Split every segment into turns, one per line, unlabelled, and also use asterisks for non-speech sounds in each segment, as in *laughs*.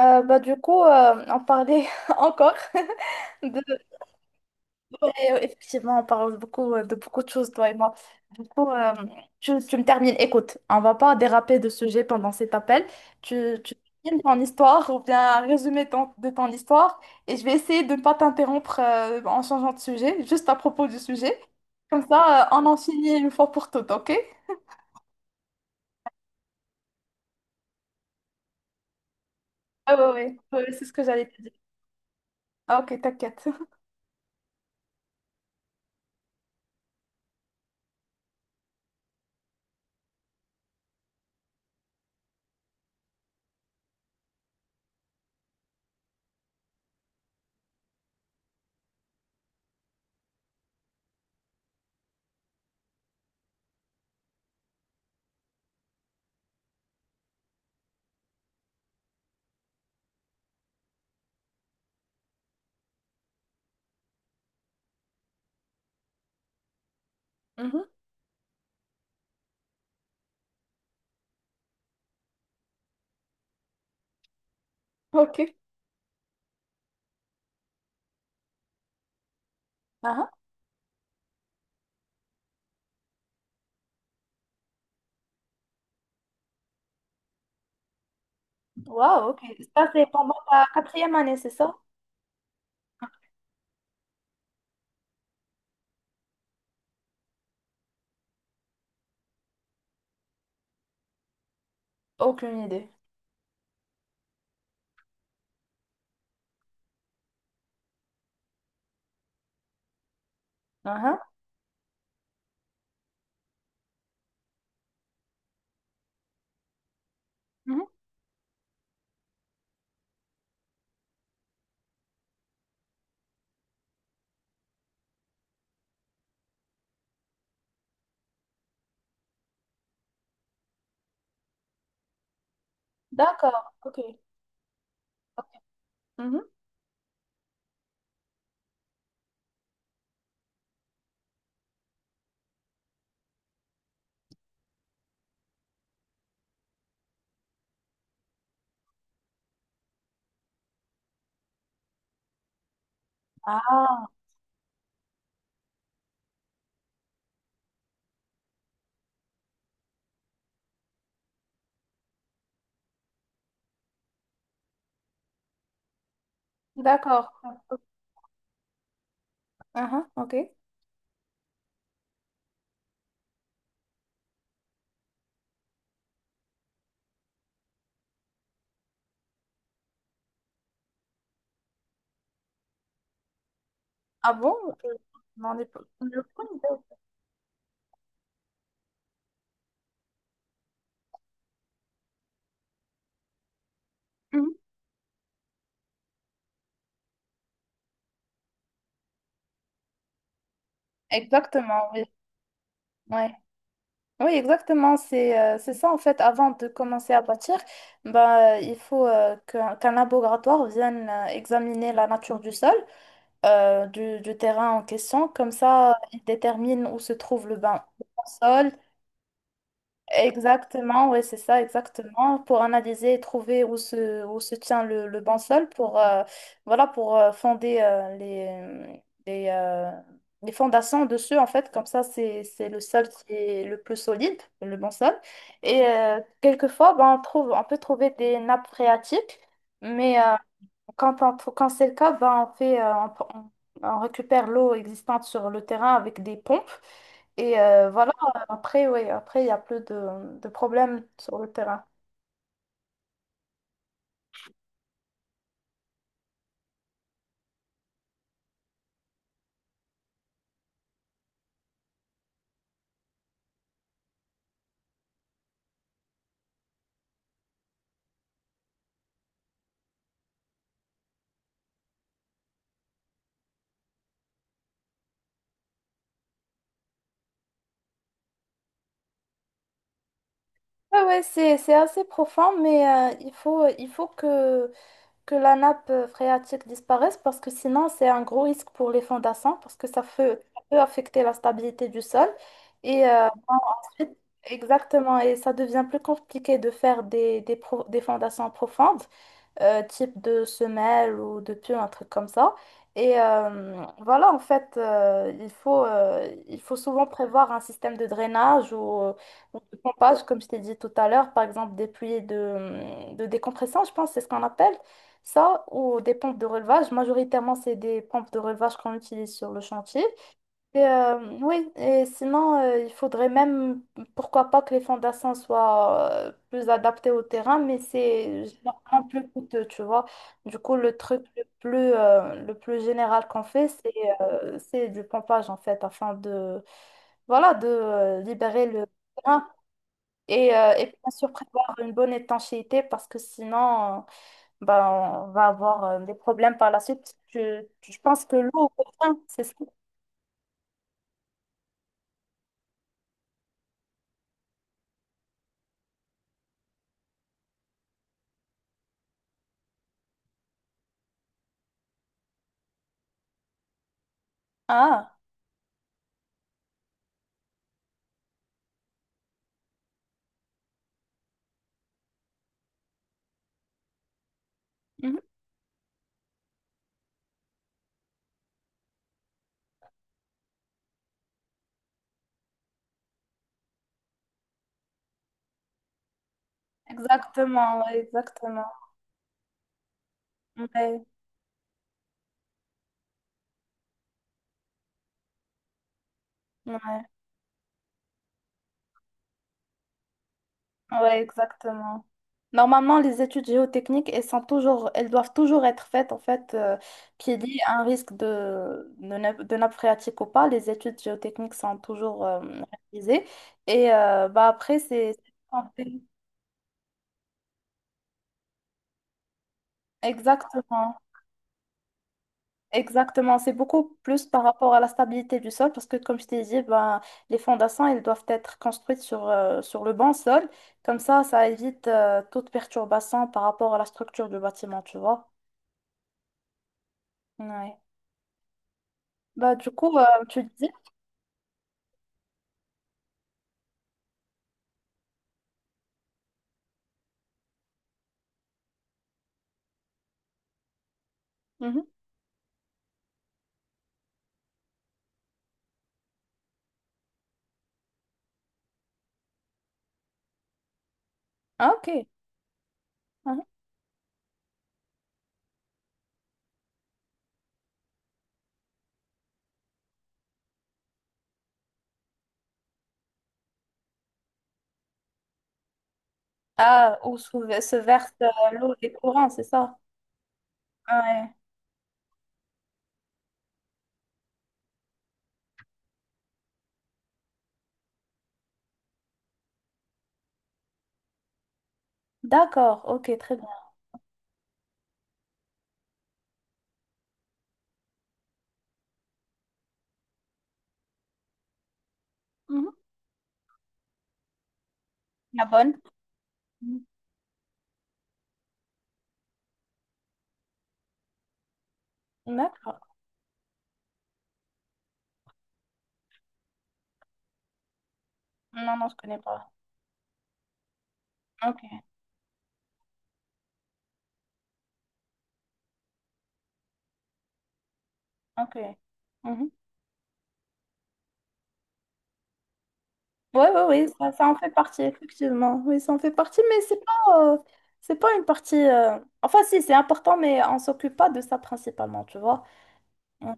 On parlait *laughs* encore *laughs* de... Effectivement, on parle beaucoup de beaucoup de choses, toi et moi. Du coup, euh, tu me termines. Écoute, on va pas déraper de sujet pendant cet appel. Tu termines ton histoire ou bien un résumé de ton histoire et je vais essayer de ne pas t'interrompre en changeant de sujet, juste à propos du sujet. Comme ça, on en finit une fois pour toutes, ok? Ah ouais, ouais, ouais, c'est ce que j'allais te dire. Ah, ok, t'inquiète. *laughs* Mhm. Ok. Ah, ah. Waouh, ok. Ça, c'est pendant ta quatrième année, c'est ça? Aucune idée. Uhum. Mhm. D'accord, ok. Ok. Mhm. Ah, d'accord. Uhum, ok. Ah bon? Je non. ai pas- je n'ai aucune. Mhm. Exactement, oui. Ouais. Oui, exactement. C'est ça, en fait, avant de commencer à bâtir, il faut qu'un laboratoire vienne examiner la nature du sol, du terrain en question. Comme ça, il détermine où se trouve le bain, le sol. Exactement, oui, c'est ça, exactement, pour analyser et trouver où se tient le bon sol pour, voilà, pour fonder les, euh, les fondations dessus, en fait, comme ça, c'est le sol qui est le plus solide, le bon sol. Et quelquefois, ben, on peut trouver des nappes phréatiques, mais quand c'est le cas, ben, on fait, on on récupère l'eau existante sur le terrain avec des pompes. Et voilà, après, oui, après, il y a plus de problèmes sur le terrain. Ouais, ouais, c'est assez profond, mais il faut que la nappe phréatique disparaisse parce que sinon, c'est un gros risque pour les fondations parce que ça peut affecter la stabilité du sol. Et ensuite, exactement, et ça devient plus compliqué de faire des fondations profondes, type de semelle ou de pieu, un truc comme ça. Et voilà, en fait, il faut souvent prévoir un système de drainage ou de pompage, comme je t'ai dit tout à l'heure, par exemple des puits de décompression, je pense, c'est ce qu'on appelle ça, ou des pompes de relevage. Majoritairement, c'est des pompes de relevage qu'on utilise sur le chantier. Et, oui, et sinon, il faudrait même, pourquoi pas, que les fondations soient plus adaptées au terrain, mais c'est généralement plus coûteux, tu vois. Du coup, le plus général qu'on fait, c'est du pompage, en fait, afin de, voilà, de libérer le terrain et bien sûr prévoir une bonne étanchéité parce que sinon, euh, ben, on va avoir des problèmes par la suite, parce que je pense que l'eau, au terrain, c'est ça. Ah. Exactement. Ouais, ouais, ouais, exactement. Normalement, les études géotechniques, elles doivent toujours être faites, en fait, qu'il y ait un risque de nappe phréatique ou pas. Les études géotechniques sont toujours réalisées. Et après, c'est- Exactement. Exactement, c'est beaucoup plus par rapport à la stabilité du sol parce que comme je t'ai dit, ben, les fondations, elles doivent être construites sur, sur le bon sol. Comme ça évite toute perturbation par rapport à la structure du bâtiment, tu vois. Ouais. Bah, du coup, tu disais... Mhm. Ah, ok. Mhm. Ah, où se verse l'eau des courants, c'est ça? Ouais. D'accord, ok, très bien. Mhm. La bonne? Mhm. D'accord. Non, non, je connais pas. Ok, ok. Mhm. Oui, oui, oui, ça en fait partie, effectivement. Oui, ça en fait partie, mais c'est pas, une partie. Enfin, si, c'est important, mais on s'occupe pas de ça principalement, tu vois. On-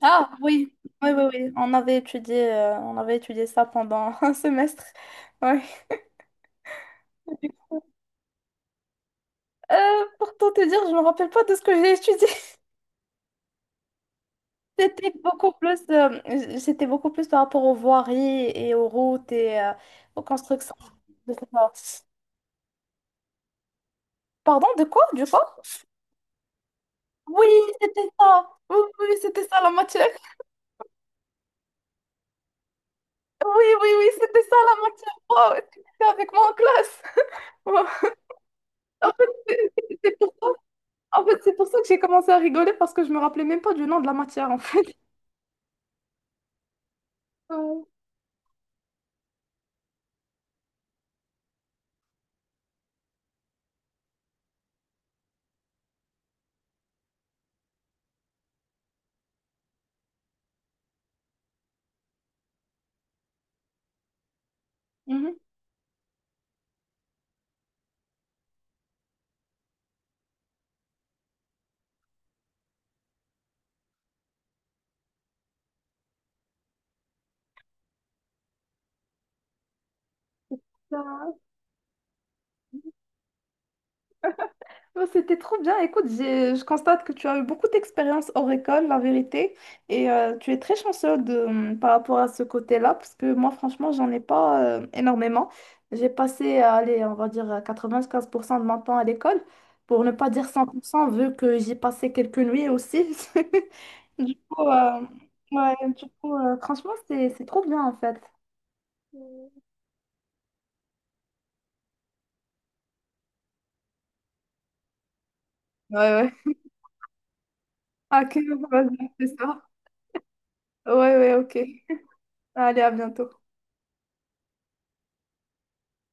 Ah, oui, oui, oui, oui. On avait étudié ça pendant *laughs* un semestre. Ouais. Pour tout te dire, je me rappelle pas de ce que j'ai étudié. *laughs* C'était beaucoup plus par rapport aux voiries et aux routes et aux constructions de ce genre. Pardon, de quoi, du quoi? Oui, c'était ça. Oui, oui, oui, c'était ça la matière. Oui, oui, oui, c'était ça la matière. Wow, est-ce que t'étais avec moi en classe? *laughs* Wow. En fait, c'est- C'est pour... en fait, c'est pour ça que j'ai commencé à rigoler parce que je me rappelais même pas du nom de la matière, en fait. Ouais. Mhm. Oh, c'était trop bien. Écoute, je constate que tu as eu beaucoup d'expérience hors école, la vérité, et tu es très chanceux de, par rapport à ce côté-là, parce que moi, franchement, j'en ai pas énormément. J'ai passé, allez, on va dire 95% de mon temps à l'école, pour ne pas dire 100%, vu que j'y passais quelques nuits aussi. *laughs* Du coup, euh, ouais, du coup, franchement, c'est trop bien, en fait. Ouais, ouais. Ok, vas-y, c'est ça. Ouais, ouais, ok. Allez, à bientôt.